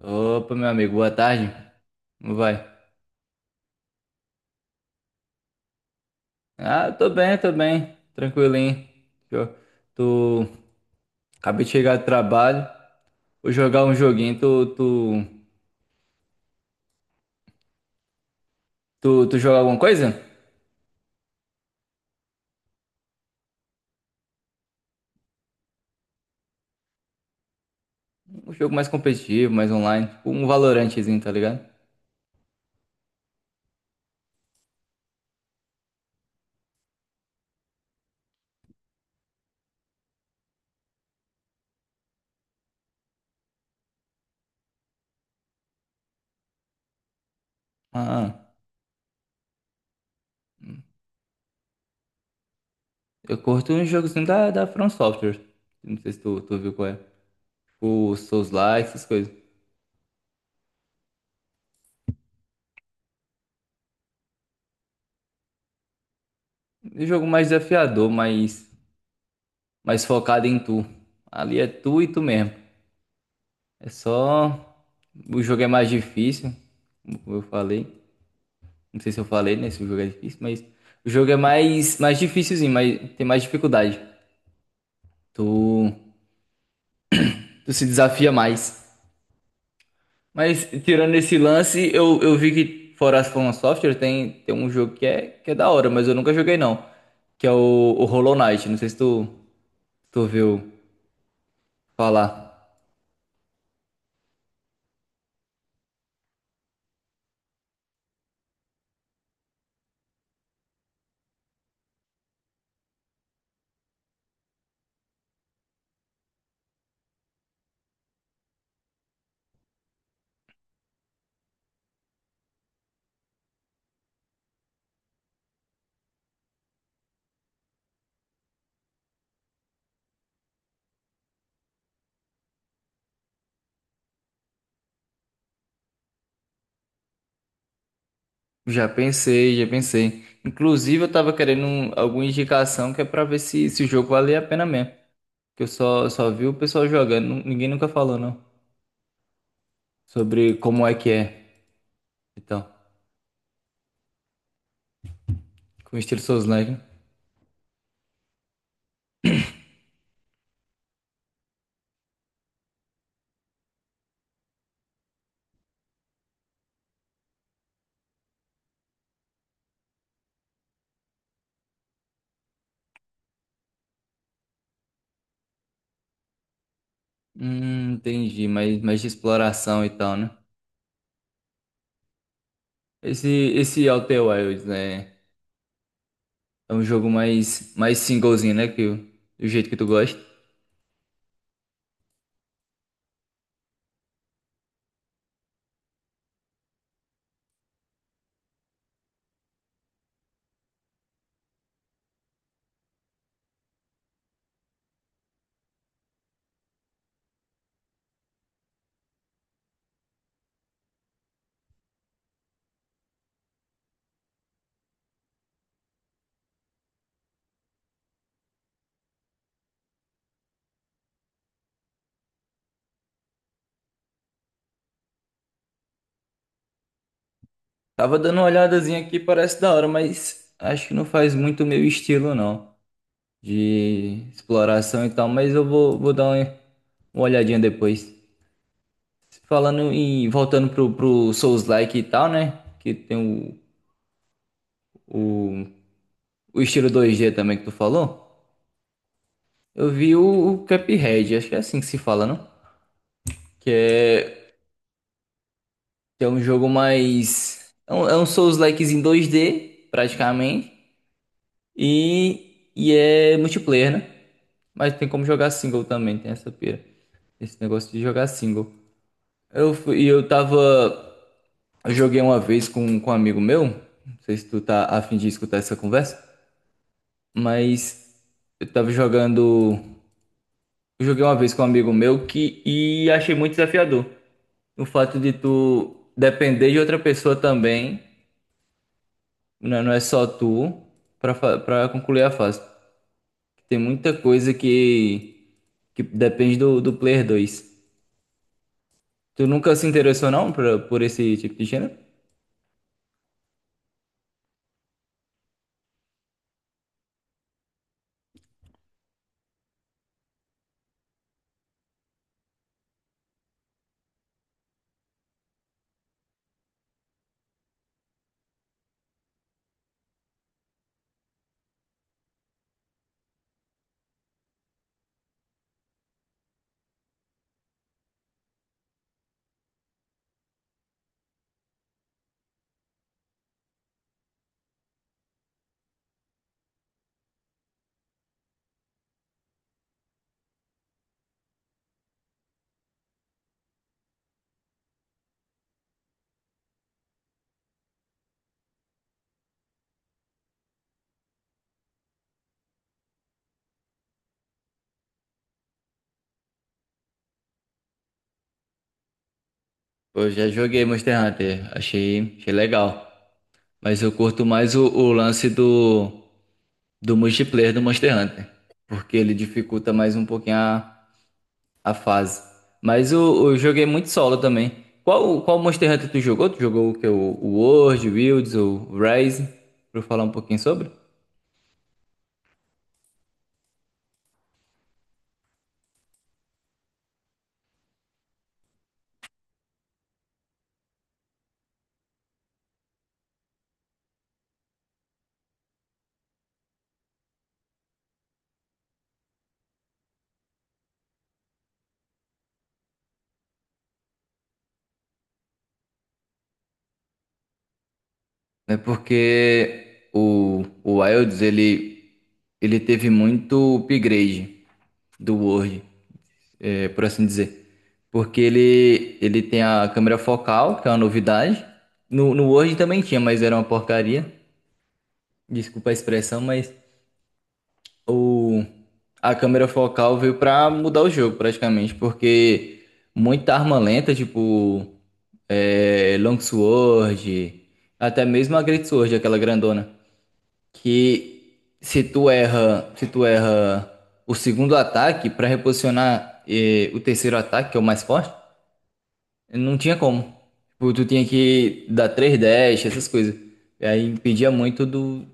Opa, meu amigo, boa tarde. Como vai? Ah, tô bem, tô bem. Tranquilinho. Eu tô... Acabei de chegar do trabalho. Vou jogar um joguinho. Tu joga alguma coisa? Um jogo mais competitivo, mais online. Tipo um Valorantezinho, tá ligado? Ah, eu curto um jogozinho da From Software. Não sei se tu viu qual é. O Souls-like, essas coisas. Um jogo mais desafiador, mais focado em tu. Ali é tu e tu mesmo. É só. O jogo é mais difícil, como eu falei. Não sei se eu falei, né? Se o jogo é difícil, mas. O jogo é mais difícilzinho, mas tem mais dificuldade. Tu, tu se desafia mais. Mas, tirando esse lance, eu vi que fora as From Software tem um jogo que é da hora, mas eu nunca joguei não. Que é o Hollow Knight. Não sei se tu ouviu falar. Já pensei, já pensei. Inclusive, eu tava querendo alguma indicação que é pra ver se, se o jogo valia a pena mesmo. Que eu só vi o pessoal jogando. Ninguém nunca falou, não. Sobre como é que é e tal. Com estilo Souls-like. Entendi. Mais de exploração e tal, né? Esse, esse Outer Wilds, né? É um jogo mais singlezinho, né? Do jeito que tu gosta. Tava dando uma olhadazinha aqui, parece da hora, mas acho que não faz muito meu estilo, não. De exploração e tal, mas eu vou dar uma olhadinha depois. Voltando pro Souls-like e tal, né? Que tem o, o, o estilo 2D também que tu falou. Eu vi o Cuphead, acho que é assim que se fala, não? Que é, que é um jogo mais. É um Souls-like em 2D, praticamente. E é multiplayer, né? Mas tem como jogar single também, tem essa pira. Esse negócio de jogar single. Eu fui, e eu tava. Eu joguei uma vez com um amigo meu. Não sei se tu tá afim de escutar essa conversa. Mas eu tava jogando. Eu joguei uma vez com um amigo meu que e achei muito desafiador. O fato de tu depender de outra pessoa também, né, não é só tu, pra concluir a fase. Tem muita coisa que depende do player 2. Tu nunca se interessou não pra, por esse tipo de gênero? Eu já joguei Monster Hunter, achei legal. Mas eu curto mais o lance do multiplayer do Monster Hunter, porque ele dificulta mais um pouquinho a fase. Mas eu joguei muito solo também. Qual Monster Hunter tu jogou? Tu jogou o que? O World, o Wilds, o Rise? Pra eu falar um pouquinho sobre? É porque o Wilds, ele teve muito upgrade do World, é, por assim dizer. Porque ele tem a câmera focal, que é uma novidade. No Word também tinha, mas era uma porcaria. Desculpa a expressão, mas o, a câmera focal veio pra mudar o jogo praticamente, porque muita arma lenta, tipo Longsword, até mesmo a Great Sword, aquela grandona, que se tu erra o segundo ataque pra reposicionar o terceiro ataque, que é o mais forte, não tinha como. Tipo, tu tinha que dar três dash, essas coisas. E aí impedia muito do.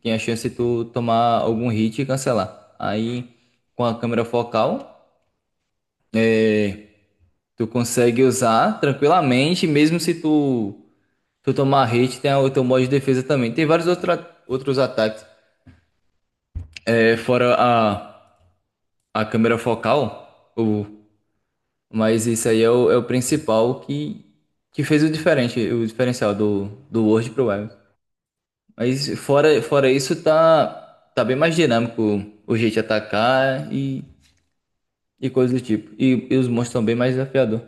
Tinha a chance de tu tomar algum hit e cancelar. Aí, com a câmera focal, tu consegue usar tranquilamente, mesmo se tu, tu tomar hit, tem o teu modo de defesa também. Tem outros ataques. É, fora a câmera focal, mas isso aí é o principal que fez o diferente, o diferencial do World Pro Web. Mas fora isso, tá bem mais dinâmico o jeito de atacar e coisas do tipo. E os monstros são bem mais desafiador.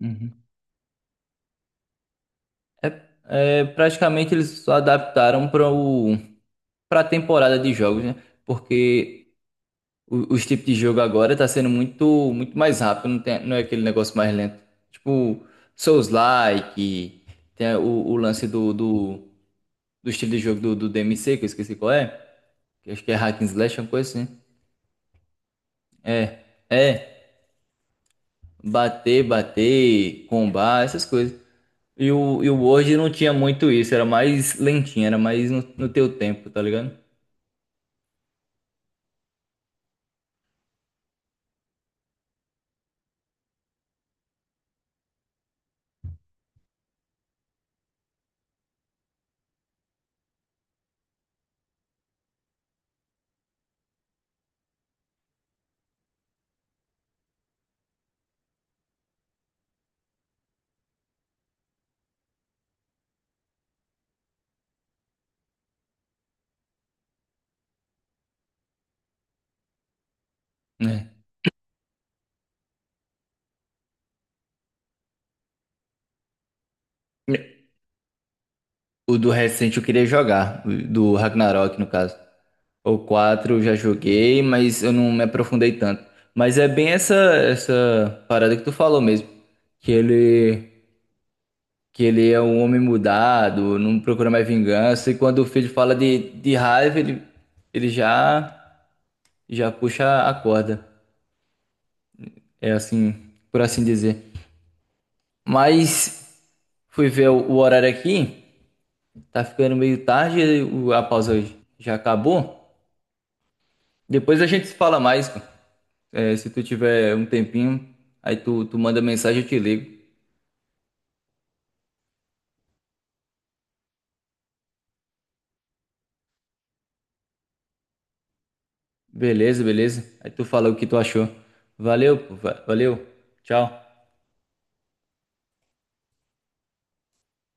Uhum. É, praticamente eles só adaptaram para a temporada de jogos, né? Porque os tipos de jogo agora tá sendo muito mais rápido, não tem, não é aquele negócio mais lento. Tipo Souls-like, tem o lance do estilo de jogo do DMC, que eu esqueci qual é, que acho que é Hack and Slash, uma coisa assim. É, é. Bater, bater, combar, essas coisas. E o Word não tinha muito isso, era mais lentinho, era mais no teu tempo, tá ligado? Né? O do recente eu queria jogar, o do Ragnarok no caso. O 4 eu já joguei, mas eu não me aprofundei tanto. Mas é bem essa parada que tu falou mesmo, que ele é um homem mudado, não procura mais vingança e quando o filho fala de raiva, ele já puxa a corda. É assim, por assim dizer. Mas fui ver o horário aqui, tá ficando meio tarde, e a pausa hoje já acabou. Depois a gente se fala mais, cara. É, se tu tiver um tempinho, aí tu manda mensagem, eu te ligo. Beleza, beleza. Aí tu fala o que tu achou. Valeu, pô, valeu. Tchau.